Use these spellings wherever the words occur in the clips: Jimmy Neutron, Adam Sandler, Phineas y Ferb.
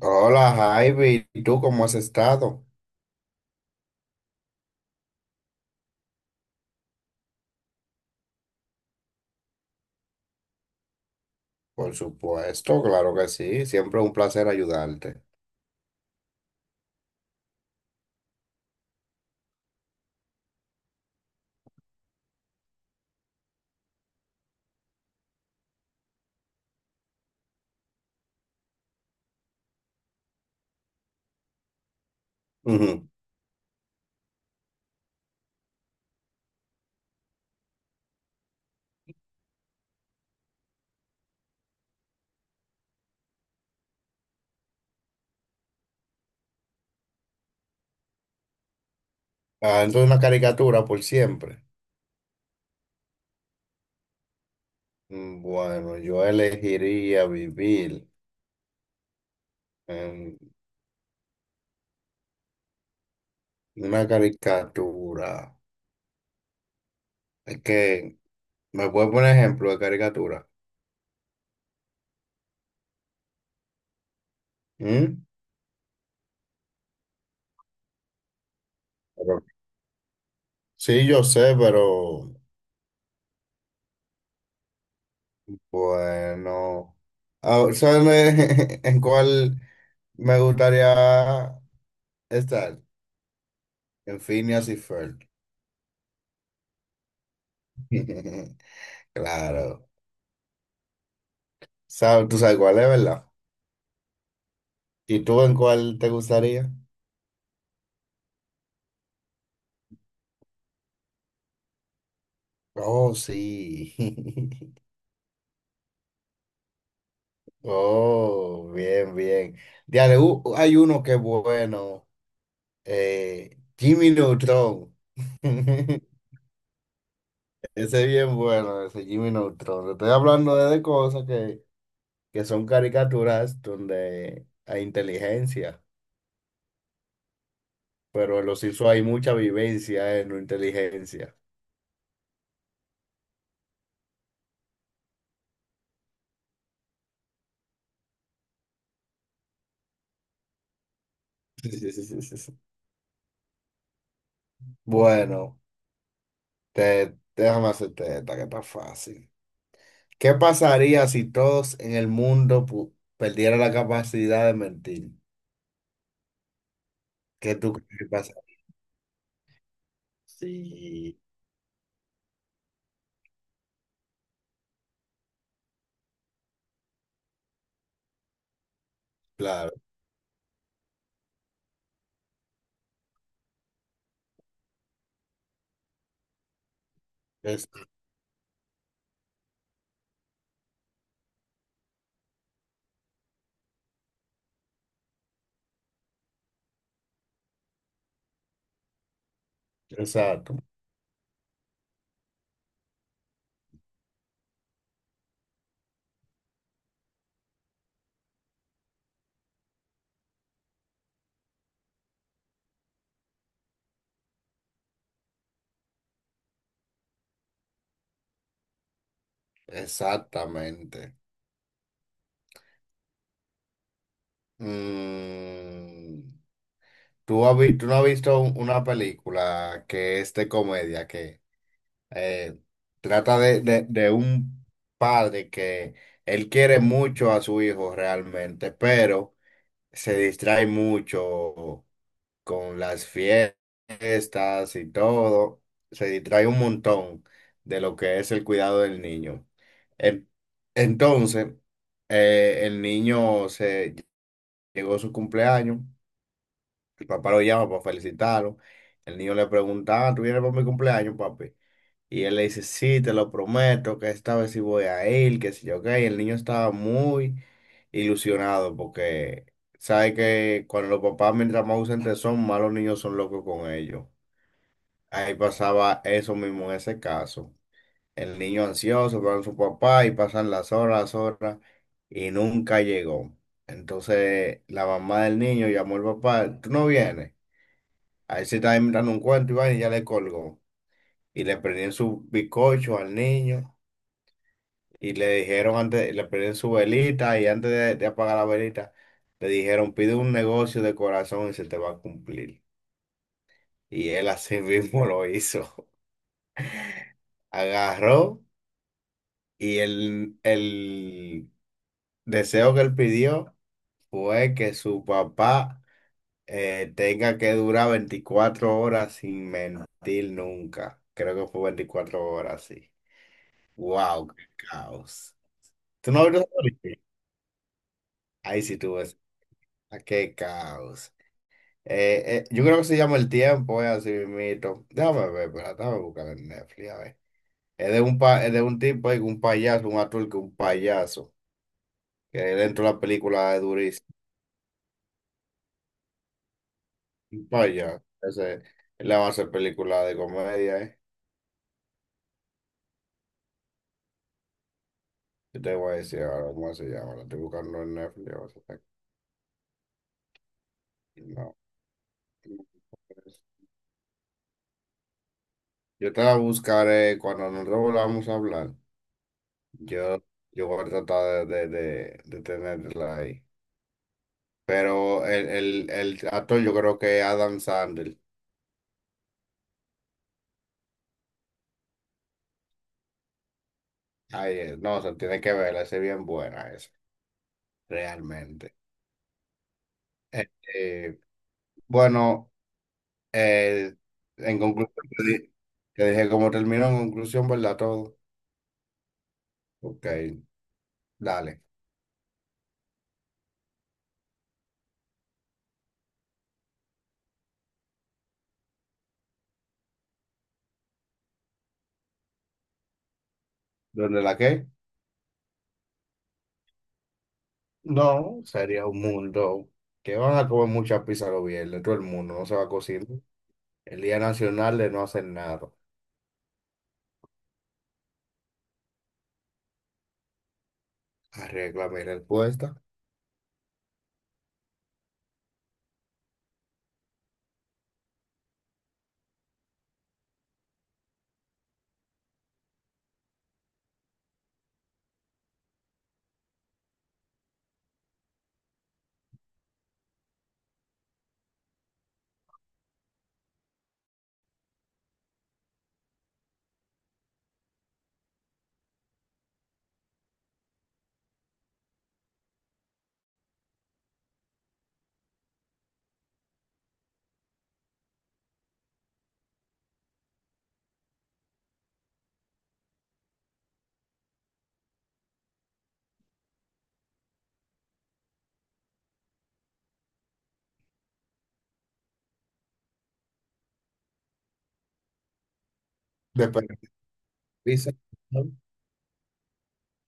Hola Javi, ¿y tú cómo has estado? Por supuesto, claro que sí, siempre un placer ayudarte. Ujú. Adentro de una caricatura por siempre. Mm, bueno, yo elegiría vivir en una caricatura. Es que, ¿me puedes poner ejemplo de caricatura? ¿Mm? Pero- sí, yo sé, pero bueno, ¿sabes en cuál me gustaría estar? En Phineas y Ferb. Claro. ¿Sabes? ¿Tú sabes cuál es, verdad? ¿Y tú en cuál te gustaría? Oh, sí. Oh, bien, bien. Diale, hay uno que es bueno. Jimmy Neutron. Ese es bien bueno, ese Jimmy Neutron. Te estoy hablando de cosas que son caricaturas donde hay inteligencia, pero en los hizo hay mucha vivencia en la inteligencia. Bueno. Déjame hacerte esta que está fácil. ¿Qué pasaría si todos en el mundo perdieran la capacidad de mentir? ¿Qué tú crees que pasa? Sí. Claro, es- exacto, exactamente. Mm, ¿tú, tú no has visto una película que es de comedia que eh, trata de, de un padre que él quiere mucho a su hijo realmente, pero se distrae mucho con las fiestas y todo, se distrae un montón de lo que es el cuidado del niño. En- Entonces, el niño se llegó su cumpleaños, el papá lo llama para felicitarlo, el niño le pregunta, "Ah, ¿tú vienes para mi cumpleaños, papi?" Y él le dice, sí, te lo prometo, que esta vez sí voy a ir, que si yo qué. Y el niño estaba muy ilusionado porque sabe que cuando los papás, mientras más ausentes son, más los niños son locos con ellos. Ahí pasaba eso mismo en ese caso. El niño ansioso para su papá y pasan las horas y nunca llegó. Entonces la mamá del niño llamó al papá, tú no vienes. Ahí se estaba inventando un cuento y va, y ya le colgó. Y le prendían su bizcocho al niño. Y le dijeron antes, le prendieron su velita y antes de apagar la velita, le dijeron, pide un negocio de corazón y se te va a cumplir. Y él así mismo lo hizo. Agarró y el deseo que él pidió fue que su papá tenga que durar 24 horas sin mentir nunca. Creo que fue 24 horas, sí. ¡Wow! ¡Qué caos! ¿Tú no has visto esa película? Ahí sí tú ves. ¡Ah, qué caos! Yo creo que se llama El Tiempo, es así mismito. Déjame ver, pero déjame buscar en Netflix, a ver. Es de un, es de un tipo, ahí, un payaso, un actor que es un payaso, que dentro de la película es durísimo. Un payaso, ese él le va a hacer película de comedia, ¿eh? Yo te voy a decir ahora cómo se llama, la estoy buscando en Netflix, a ver si está aquí. No, no, pues, yo te la buscaré cuando nos volvamos a hablar. Yo, yo voy a tratar de, de tenerla ahí. Pero el actor yo creo que es Adam Sandler. Ay, no, se tiene que verla, esa es bien buena esa, realmente. Eh, eh, bueno, eh, en conclusión, te dije cómo terminó en conclusión, ¿verdad? Todo. Ok, dale. ¿Dónde la qué? No, sería un mundo que van a comer mucha pizza los viernes, todo el mundo, no se va a cocinar. El Día Nacional de no hacer nada. Arregla mi respuesta. Después de la pizza. ¿No?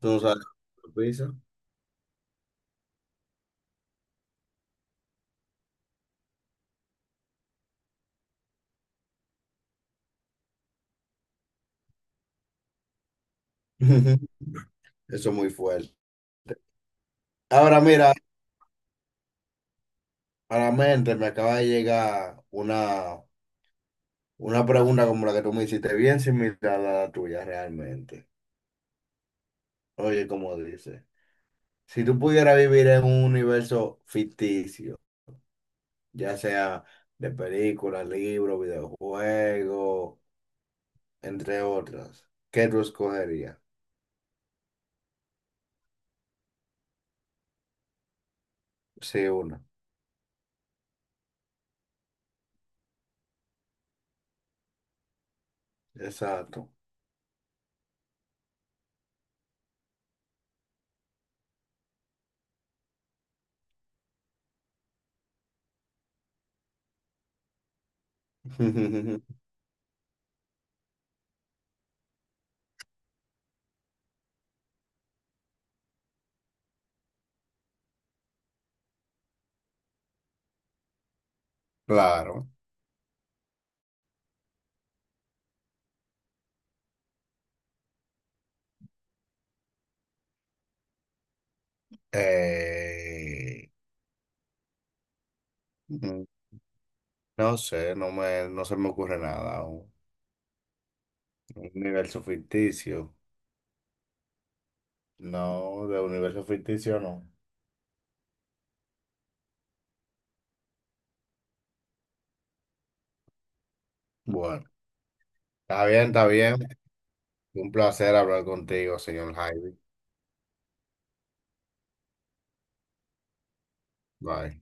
Tú no sabes la pizza. Ujú. Eso es muy fuerte. Ahora mira, a la mente me acaba de llegar una pregunta como la que tú me hiciste, bien similar a la tuya realmente. Oye, como dice, si tú pudieras vivir en un universo ficticio, ya sea de películas, libros, videojuegos, entre otras, ¿qué tú escogerías? Sí, una. Exacto. Claro. Eh, mm, no sé, no se me ocurre nada. Un universo ficticio. No, de universo ficticio no. Bueno, está bien, está bien. Un placer hablar contigo, señor Jaime. Bye.